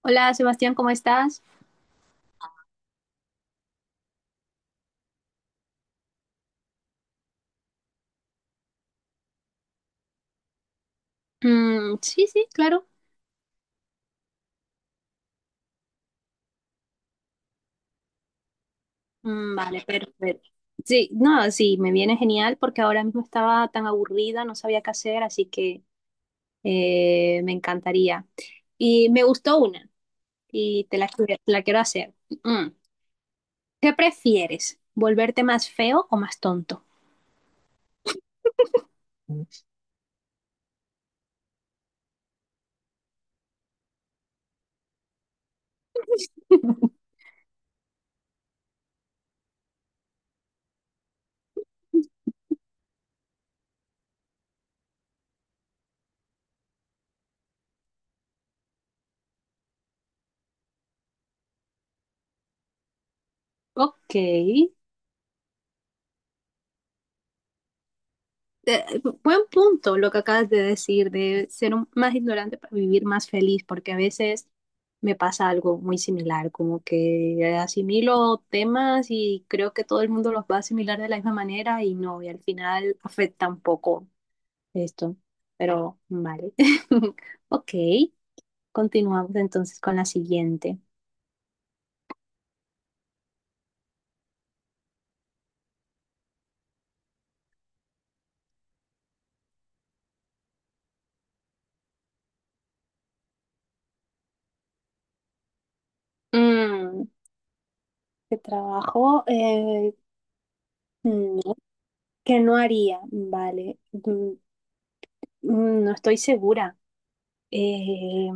Hola, Sebastián, ¿cómo estás? Mm, sí, sí, claro. Mm, vale, perfecto. Sí, no, sí, me viene genial porque ahora mismo estaba tan aburrida, no sabía qué hacer, así que me encantaría. Y me gustó una y te la quiero hacer. Mm. ¿Qué prefieres? ¿Volverte más feo o más tonto? Ok. Buen punto lo que acabas de decir, de ser más ignorante para vivir más feliz, porque a veces me pasa algo muy similar, como que asimilo temas y creo que todo el mundo los va a asimilar de la misma manera y no, y al final afecta un poco esto, pero vale. Ok, continuamos entonces con la siguiente. Mm, ¿Qué trabajo? Mm, ¿Qué no haría? Vale, no estoy segura. Eh,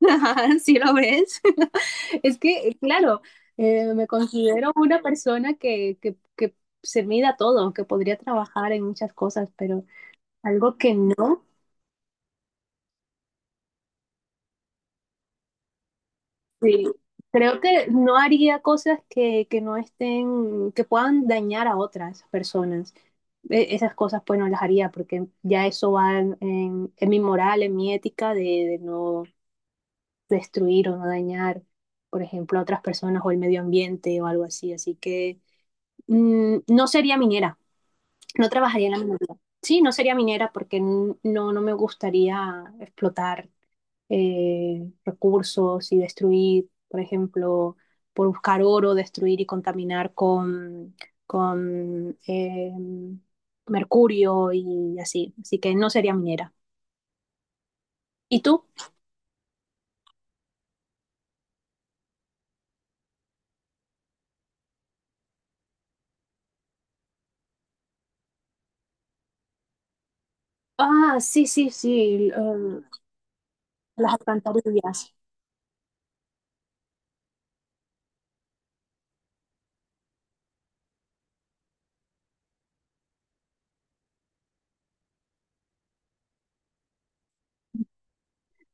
si lo ves, es que, claro, me considero una persona que se mida todo, que podría trabajar en muchas cosas, pero algo que no, sí, creo que no haría cosas que no estén, que puedan dañar a otras personas. Esas cosas pues no las haría porque ya eso va en, en mi moral, en mi ética de, no destruir o no dañar, por ejemplo, a otras personas o el medio ambiente o algo así. Así que no sería minera, no trabajaría en la minería. Sí, no sería minera porque no, no me gustaría explotar recursos y destruir, por ejemplo, por buscar oro, destruir y contaminar con mercurio y así. Así que no sería minera. ¿Y tú? Ah, sí, sí, sí, las alcantarillas.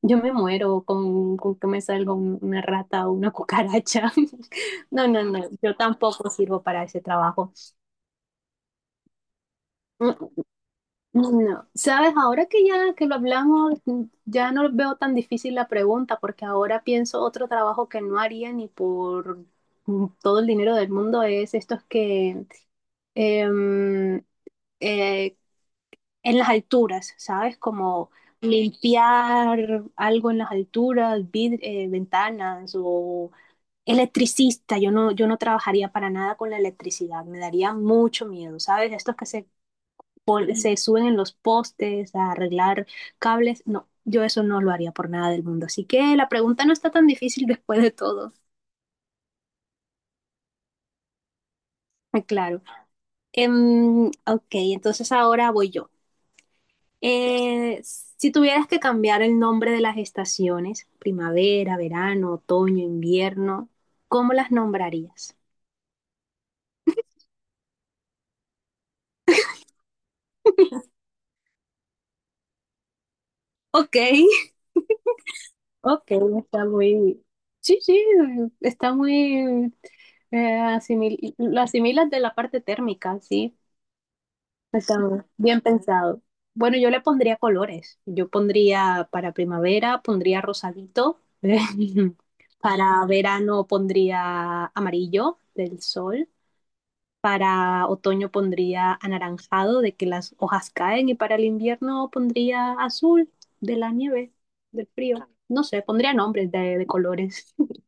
Yo me muero con que me salga una rata o una cucaracha. No, no, no, yo tampoco sirvo para ese trabajo. Mm, no, no. Sabes, ahora que ya que lo hablamos, ya no veo tan difícil la pregunta, porque ahora pienso otro trabajo que no haría ni por todo el dinero del mundo es estos que em, eh, en las alturas, ¿sabes? Como limpiar algo en las alturas, ventanas o electricista. Yo no, trabajaría para nada con la electricidad, me daría mucho miedo, ¿sabes? Estos que sí, se suben en los postes a arreglar cables. No, yo eso no lo haría por nada del mundo. Así que la pregunta no está tan difícil después de todo. Ah, claro. Ok, entonces ahora voy yo. Si tuvieras que cambiar el nombre de las estaciones, primavera, verano, otoño, invierno, ¿cómo las nombrarías? Ok. Ok, está muy... Sí, sí, está muy... Lo asimilas de la parte térmica, sí. Está bien pensado. Bueno, yo le pondría colores. Yo pondría para primavera, pondría rosadito. Para verano pondría amarillo del sol. Para otoño pondría anaranjado de que las hojas caen y para el invierno pondría azul de la nieve, del frío. No sé, pondría nombres de colores.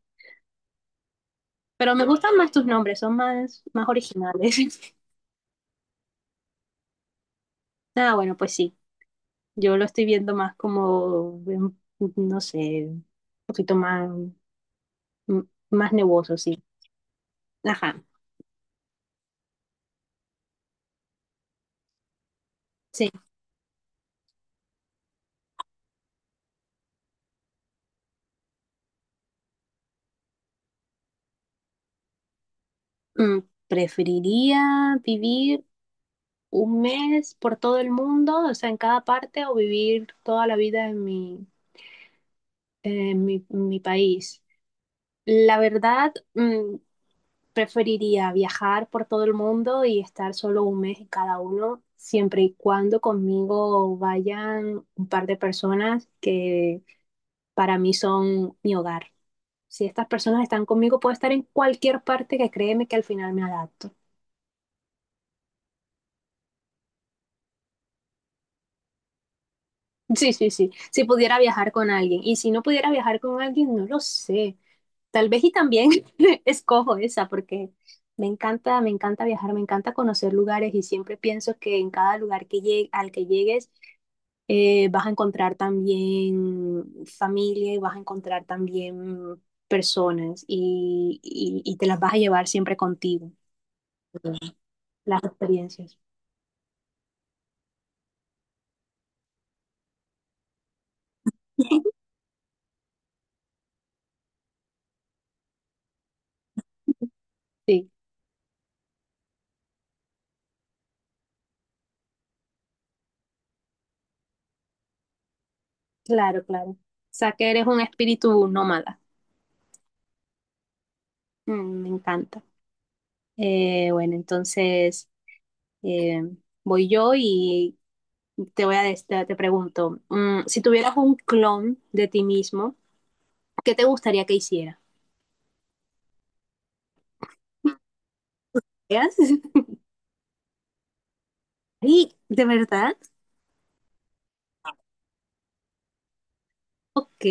Pero me gustan más tus nombres, son más, más originales. Ah, bueno, pues sí. Yo lo estoy viendo más como, no sé, un poquito más, m- más nebuloso, sí. Ajá, sí. Mm, Preferiría vivir un mes por todo el mundo, o sea, en cada parte, o vivir toda la vida en mi, en mi país. La verdad, preferiría viajar por todo el mundo y estar solo un mes en cada uno, siempre y cuando conmigo vayan un par de personas que para mí son mi hogar. Si estas personas están conmigo, puedo estar en cualquier parte, que créeme que al final me adapto. Sí, sí, sí. Si pudiera viajar con alguien. Y si no pudiera viajar con alguien, no lo sé. Tal vez, y también escojo esa porque me encanta viajar, me encanta conocer lugares y siempre pienso que en cada lugar que llegue, al que llegues vas a encontrar también familia y vas a encontrar también personas y, y te las vas a llevar siempre contigo, las experiencias. Sí, claro, claro. O sea que eres un espíritu nómada. Me encanta. Bueno, entonces eh, voy yo y te voy a des- te pregunto, si tuvieras un clon de ti mismo, ¿qué te gustaría que hiciera? ¿Veas? Ay, ¿de verdad? Ok,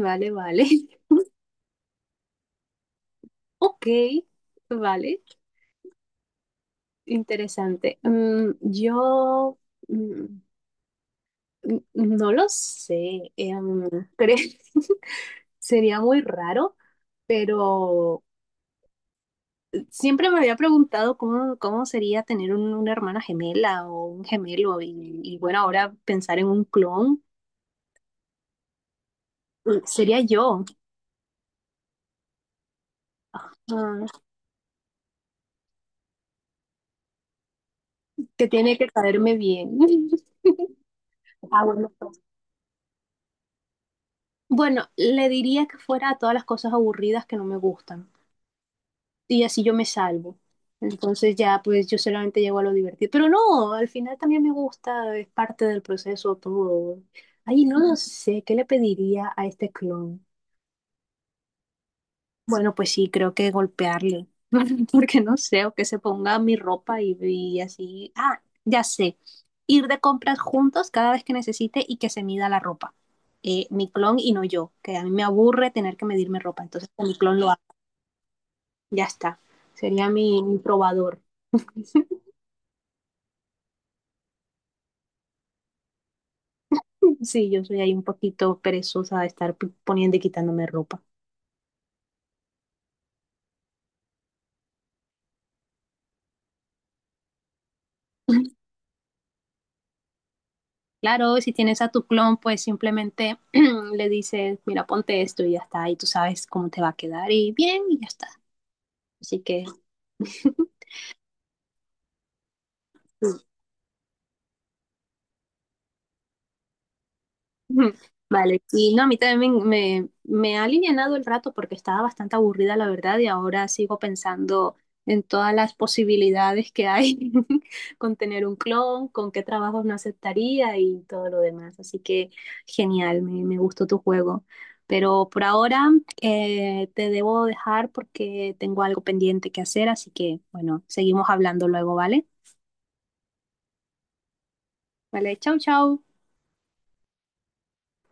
vale, vale. Ok, vale. Interesante. Yo mm, no lo sé. Creo sería muy raro, pero siempre me había preguntado cómo sería tener una hermana gemela o un gemelo y, bueno, ahora pensar en un clon. Sería yo, ah, que tiene que caerme bien. Ah, bueno, pues. Bueno, le diría que fuera a todas las cosas aburridas que no me gustan. Y así yo me salvo. Entonces ya, pues yo solamente llego a lo divertido. Pero no, al final también me gusta, es parte del proceso todo. Ay, no lo sé, ¿qué le pediría a este clon? Bueno, pues sí, creo que golpearle, porque no sé, o que se ponga mi ropa y, así. Ah, ya sé, ir de compras juntos cada vez que necesite y que se mida la ropa. Mi clon y no yo, que a mí me aburre tener que medirme ropa, entonces que mi clon lo haga, ya está. Sería mi, probador. Sí, yo soy ahí un poquito perezosa de estar poniendo y quitándome ropa. Claro, si tienes a tu clon, pues simplemente le dices, mira, ponte esto y ya está, y tú sabes cómo te va a quedar y bien, y ya está. Así que Ujú. Vale, y no, a mí también me ha alivianado el rato porque estaba bastante aburrida, la verdad, y ahora sigo pensando en todas las posibilidades que hay con tener un clon, con qué trabajos no aceptaría y todo lo demás. Así que genial, me gustó tu juego. Pero por ahora te debo dejar porque tengo algo pendiente que hacer, así que bueno, seguimos hablando luego, ¿vale? Vale, chau, chau.